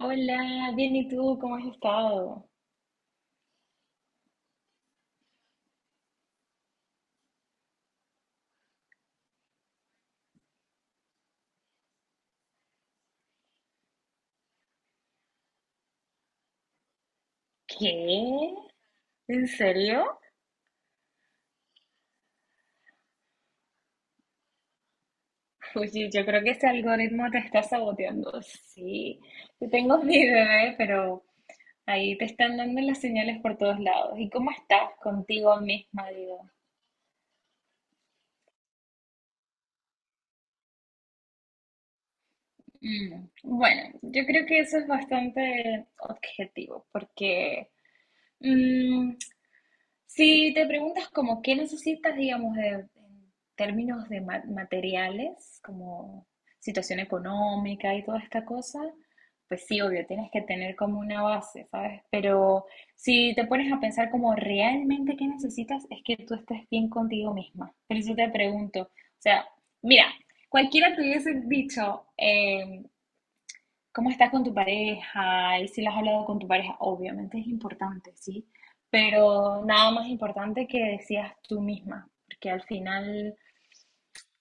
Hola, bien, ¿y tú cómo has estado? ¿Qué? ¿En serio? Oye, yo creo que este algoritmo te está saboteando. Sí, yo tengo mi bebé, pero ahí te están dando las señales por todos lados. ¿Y cómo estás contigo misma, digo? Bueno, yo creo que eso es bastante objetivo, porque mm, si te preguntas como qué necesitas, digamos, en términos de materiales, como situación económica y toda esta cosa, pues sí, obvio, tienes que tener como una base, ¿sabes? Pero si te pones a pensar como realmente qué necesitas, es que tú estés bien contigo misma. Por eso te pregunto, o sea, mira, cualquiera te hubiese dicho, cómo estás con tu pareja y si lo has hablado con tu pareja, obviamente es importante, ¿sí? Pero nada más importante que decías tú misma, porque al final,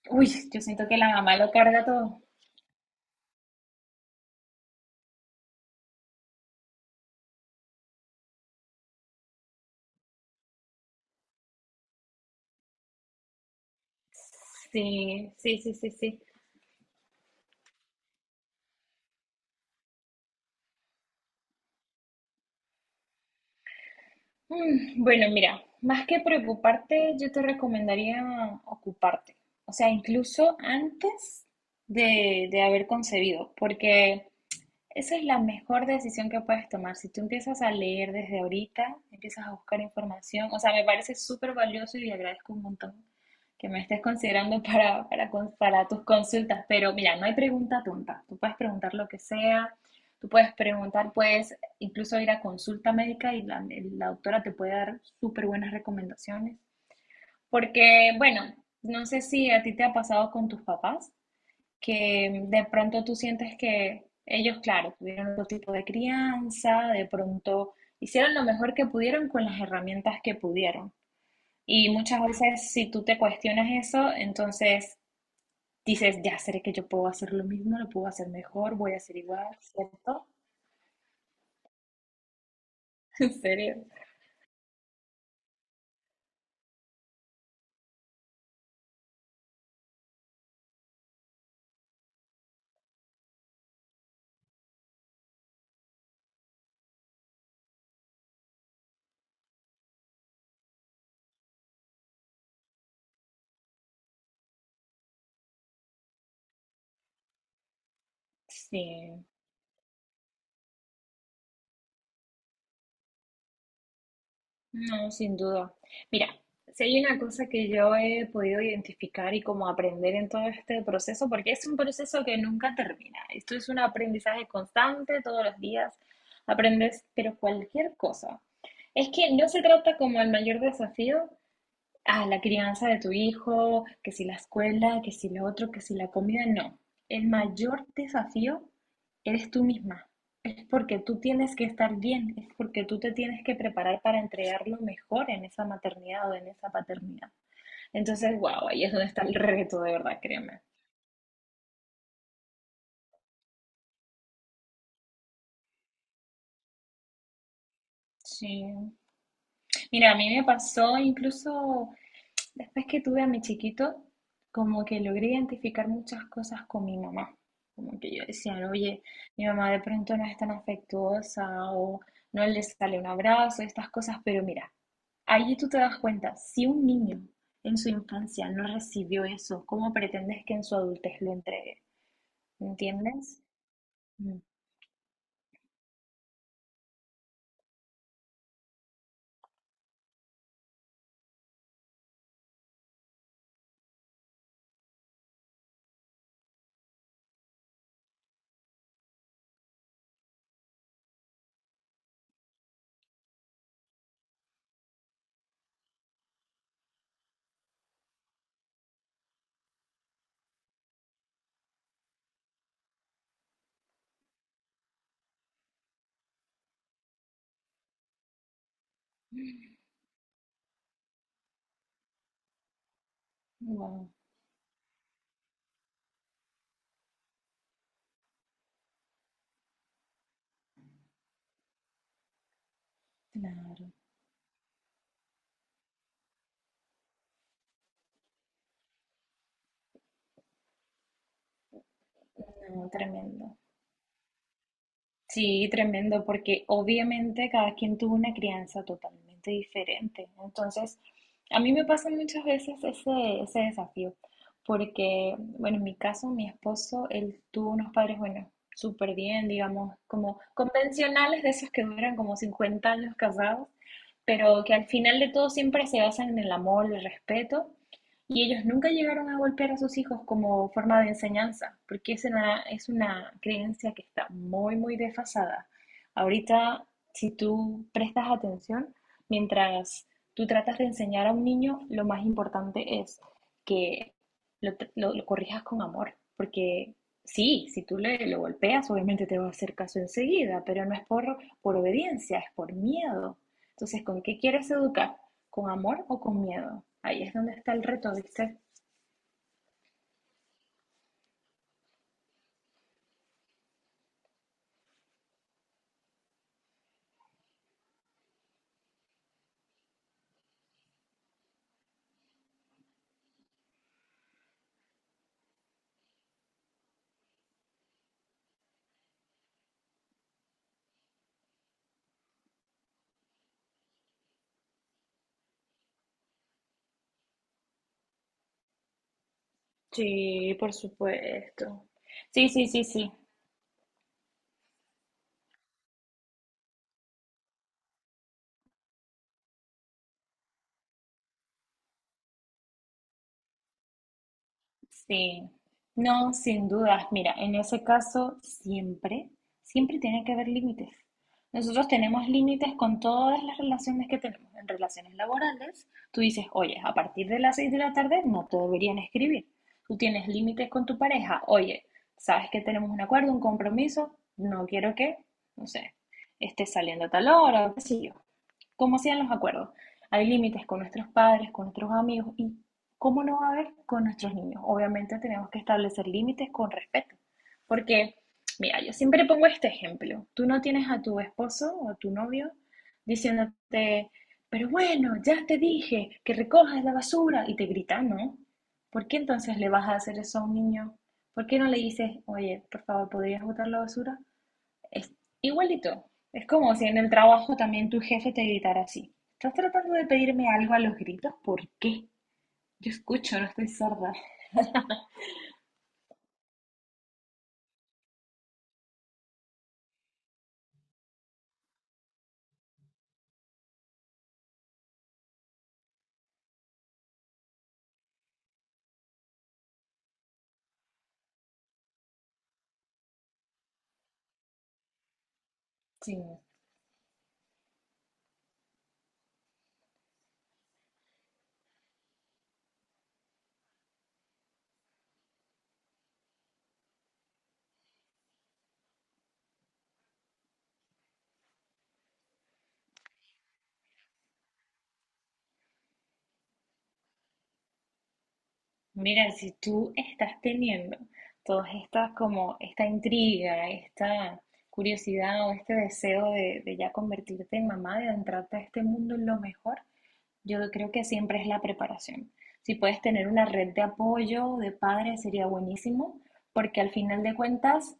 uy, yo siento que la mamá lo carga todo. Sí, sí, sí, sí, sí. Bueno, mira, más que preocuparte, yo te recomendaría ocuparte. O sea, incluso antes de haber concebido, porque esa es la mejor decisión que puedes tomar. Si tú empiezas a leer desde ahorita, empiezas a buscar información, o sea, me parece súper valioso y agradezco un montón que me estés considerando para tus consultas. Pero mira, no hay pregunta tonta. Tú puedes preguntar lo que sea, tú puedes preguntar, puedes incluso ir a consulta médica y la doctora te puede dar súper buenas recomendaciones. Porque, bueno, no sé si a ti te ha pasado con tus papás que de pronto tú sientes que ellos, claro, tuvieron otro tipo de crianza, de pronto hicieron lo mejor que pudieron con las herramientas que pudieron. Y muchas veces si tú te cuestionas eso, entonces dices, ya seré que yo puedo hacer lo mismo, lo puedo hacer mejor, voy a ser igual, ¿cierto? ¿En serio? Sí. No, sin duda. Mira, si hay una cosa que yo he podido identificar y como aprender en todo este proceso, porque es un proceso que nunca termina. Esto es un aprendizaje constante, todos los días aprendes, pero cualquier cosa. Es que no se trata como el mayor desafío. Ah, la crianza de tu hijo, que si la escuela, que si lo otro, que si la comida, no. El mayor desafío eres tú misma. Es porque tú tienes que estar bien, es porque tú te tienes que preparar para entregar lo mejor en esa maternidad o en esa paternidad. Entonces, wow, ahí es donde está el reto, de verdad, créeme. Sí. Mira, a mí me pasó incluso después que tuve a mi chiquito, como que logré identificar muchas cosas con mi mamá. Como que yo decía, oye, mi mamá de pronto no es tan afectuosa o no le sale un abrazo, estas cosas, pero mira, allí tú te das cuenta, si un niño en su infancia no recibió eso, ¿cómo pretendes que en su adultez lo entregue? ¿Entiendes? Wow, claro, no, tremendo. Sí, tremendo, porque obviamente cada quien tuvo una crianza totalmente diferente. Entonces, a mí me pasa muchas veces ese desafío, porque, bueno, en mi caso, mi esposo, él tuvo unos padres, bueno, súper bien, digamos, como convencionales de esos que duran como 50 años casados, pero que al final de todo siempre se basan en el amor, el respeto y ellos nunca llegaron a golpear a sus hijos como forma de enseñanza, porque es una creencia que está muy, muy desfasada. Ahorita, si tú prestas atención, mientras tú tratas de enseñar a un niño, lo más importante es que lo corrijas con amor, porque sí, si tú le, lo golpeas, obviamente te va a hacer caso enseguida, pero no es por obediencia, es por miedo. Entonces, ¿con qué quieres educar? ¿Con amor o con miedo? Ahí es donde está el reto, ¿viste? Sí, por supuesto. Sí, sí, sí, sí. Sí, no, sin dudas. Mira, en ese caso siempre, siempre tiene que haber límites. Nosotros tenemos límites con todas las relaciones que tenemos. En relaciones laborales, tú dices, oye, a partir de las 6 de la tarde no te deberían escribir. Tú tienes límites con tu pareja. Oye, sabes que tenemos un acuerdo, un compromiso, no quiero que, no sé, estés saliendo a tal hora, o qué sé yo como sean los acuerdos. Hay límites con nuestros padres, con nuestros amigos y cómo no va a haber con nuestros niños. Obviamente tenemos que establecer límites con respeto, porque, mira, yo siempre pongo este ejemplo. Tú no tienes a tu esposo o a tu novio diciéndote, pero bueno, ya te dije que recojas la basura y te grita, ¿no? ¿Por qué entonces le vas a hacer eso a un niño? ¿Por qué no le dices, oye, por favor, ¿podrías botar la basura? Es igualito. Es como si en el trabajo también tu jefe te gritara así. ¿Estás tratando de pedirme algo a los gritos? ¿Por qué? Yo escucho, no estoy sorda. Sí. Mira, si tú estás teniendo todas estas como esta intriga, esta curiosidad o este deseo de ya convertirte en mamá, de adentrarte a este mundo en lo mejor, yo creo que siempre es la preparación. Si puedes tener una red de apoyo de padres sería buenísimo, porque al final de cuentas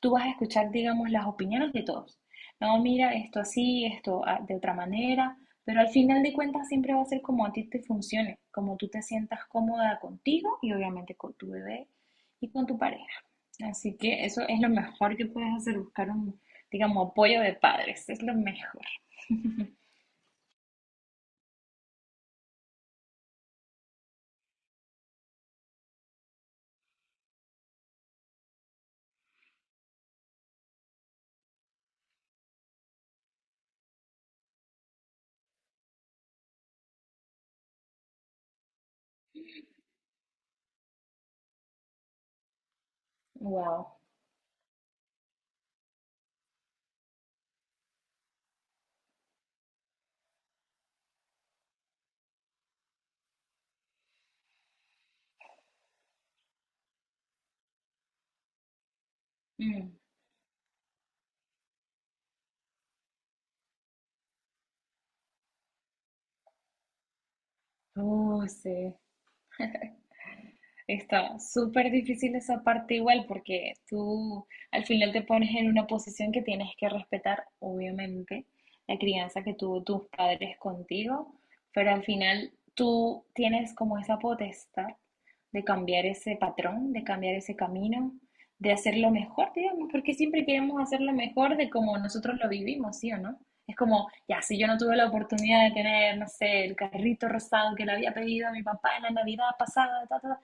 tú vas a escuchar, digamos, las opiniones de todos. No, mira, esto así, esto de otra manera, pero al final de cuentas siempre va a ser como a ti te funcione, como tú te sientas cómoda contigo y obviamente con tu bebé y con tu pareja. Así que eso es lo mejor que puedes hacer, buscar un, digamos, apoyo de padres, es lo mejor. Wow. Mm. Sí. Está súper difícil esa parte igual porque tú al final te pones en una posición que tienes que respetar, obviamente, la crianza que tuvo tus padres contigo, pero al final tú tienes como esa potestad de cambiar ese patrón, de cambiar ese camino, de hacerlo mejor, digamos, porque siempre queremos hacerlo mejor de como nosotros lo vivimos, ¿sí o no? Es como, ya, si yo no tuve la oportunidad de tener, no sé, el carrito rosado que le había pedido a mi papá en la Navidad pasada, ta, ta, ta,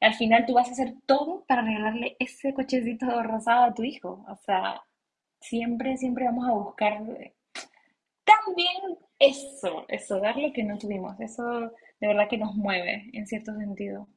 al final tú vas a hacer todo para regalarle ese cochecito rosado a tu hijo. O sea, siempre, siempre vamos a buscar también eso, dar lo que no tuvimos. Eso de verdad que nos mueve en cierto sentido.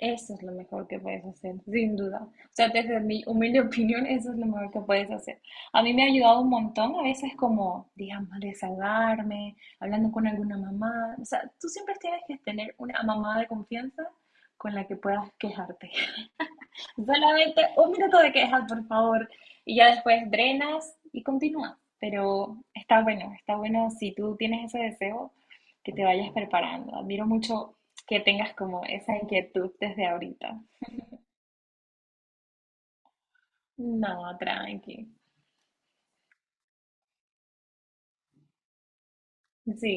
Eso es lo mejor que puedes hacer, sin duda. O sea, desde mi humilde opinión, eso es lo mejor que puedes hacer. A mí me ha ayudado un montón, a veces como, digamos, desahogarme, hablando con alguna mamá. O sea, tú siempre tienes que tener una mamá de confianza con la que puedas quejarte. Solamente un minuto de quejas, por favor, y ya después drenas y continúas. Pero está bueno si tú tienes ese deseo, que te vayas preparando. Admiro mucho que tengas como esa inquietud desde ahorita. No, tranqui. Sí.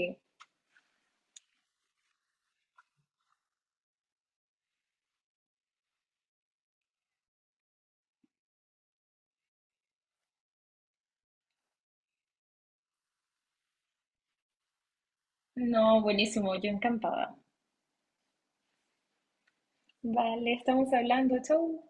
No, buenísimo, yo encantada. Vale, estamos hablando, chau.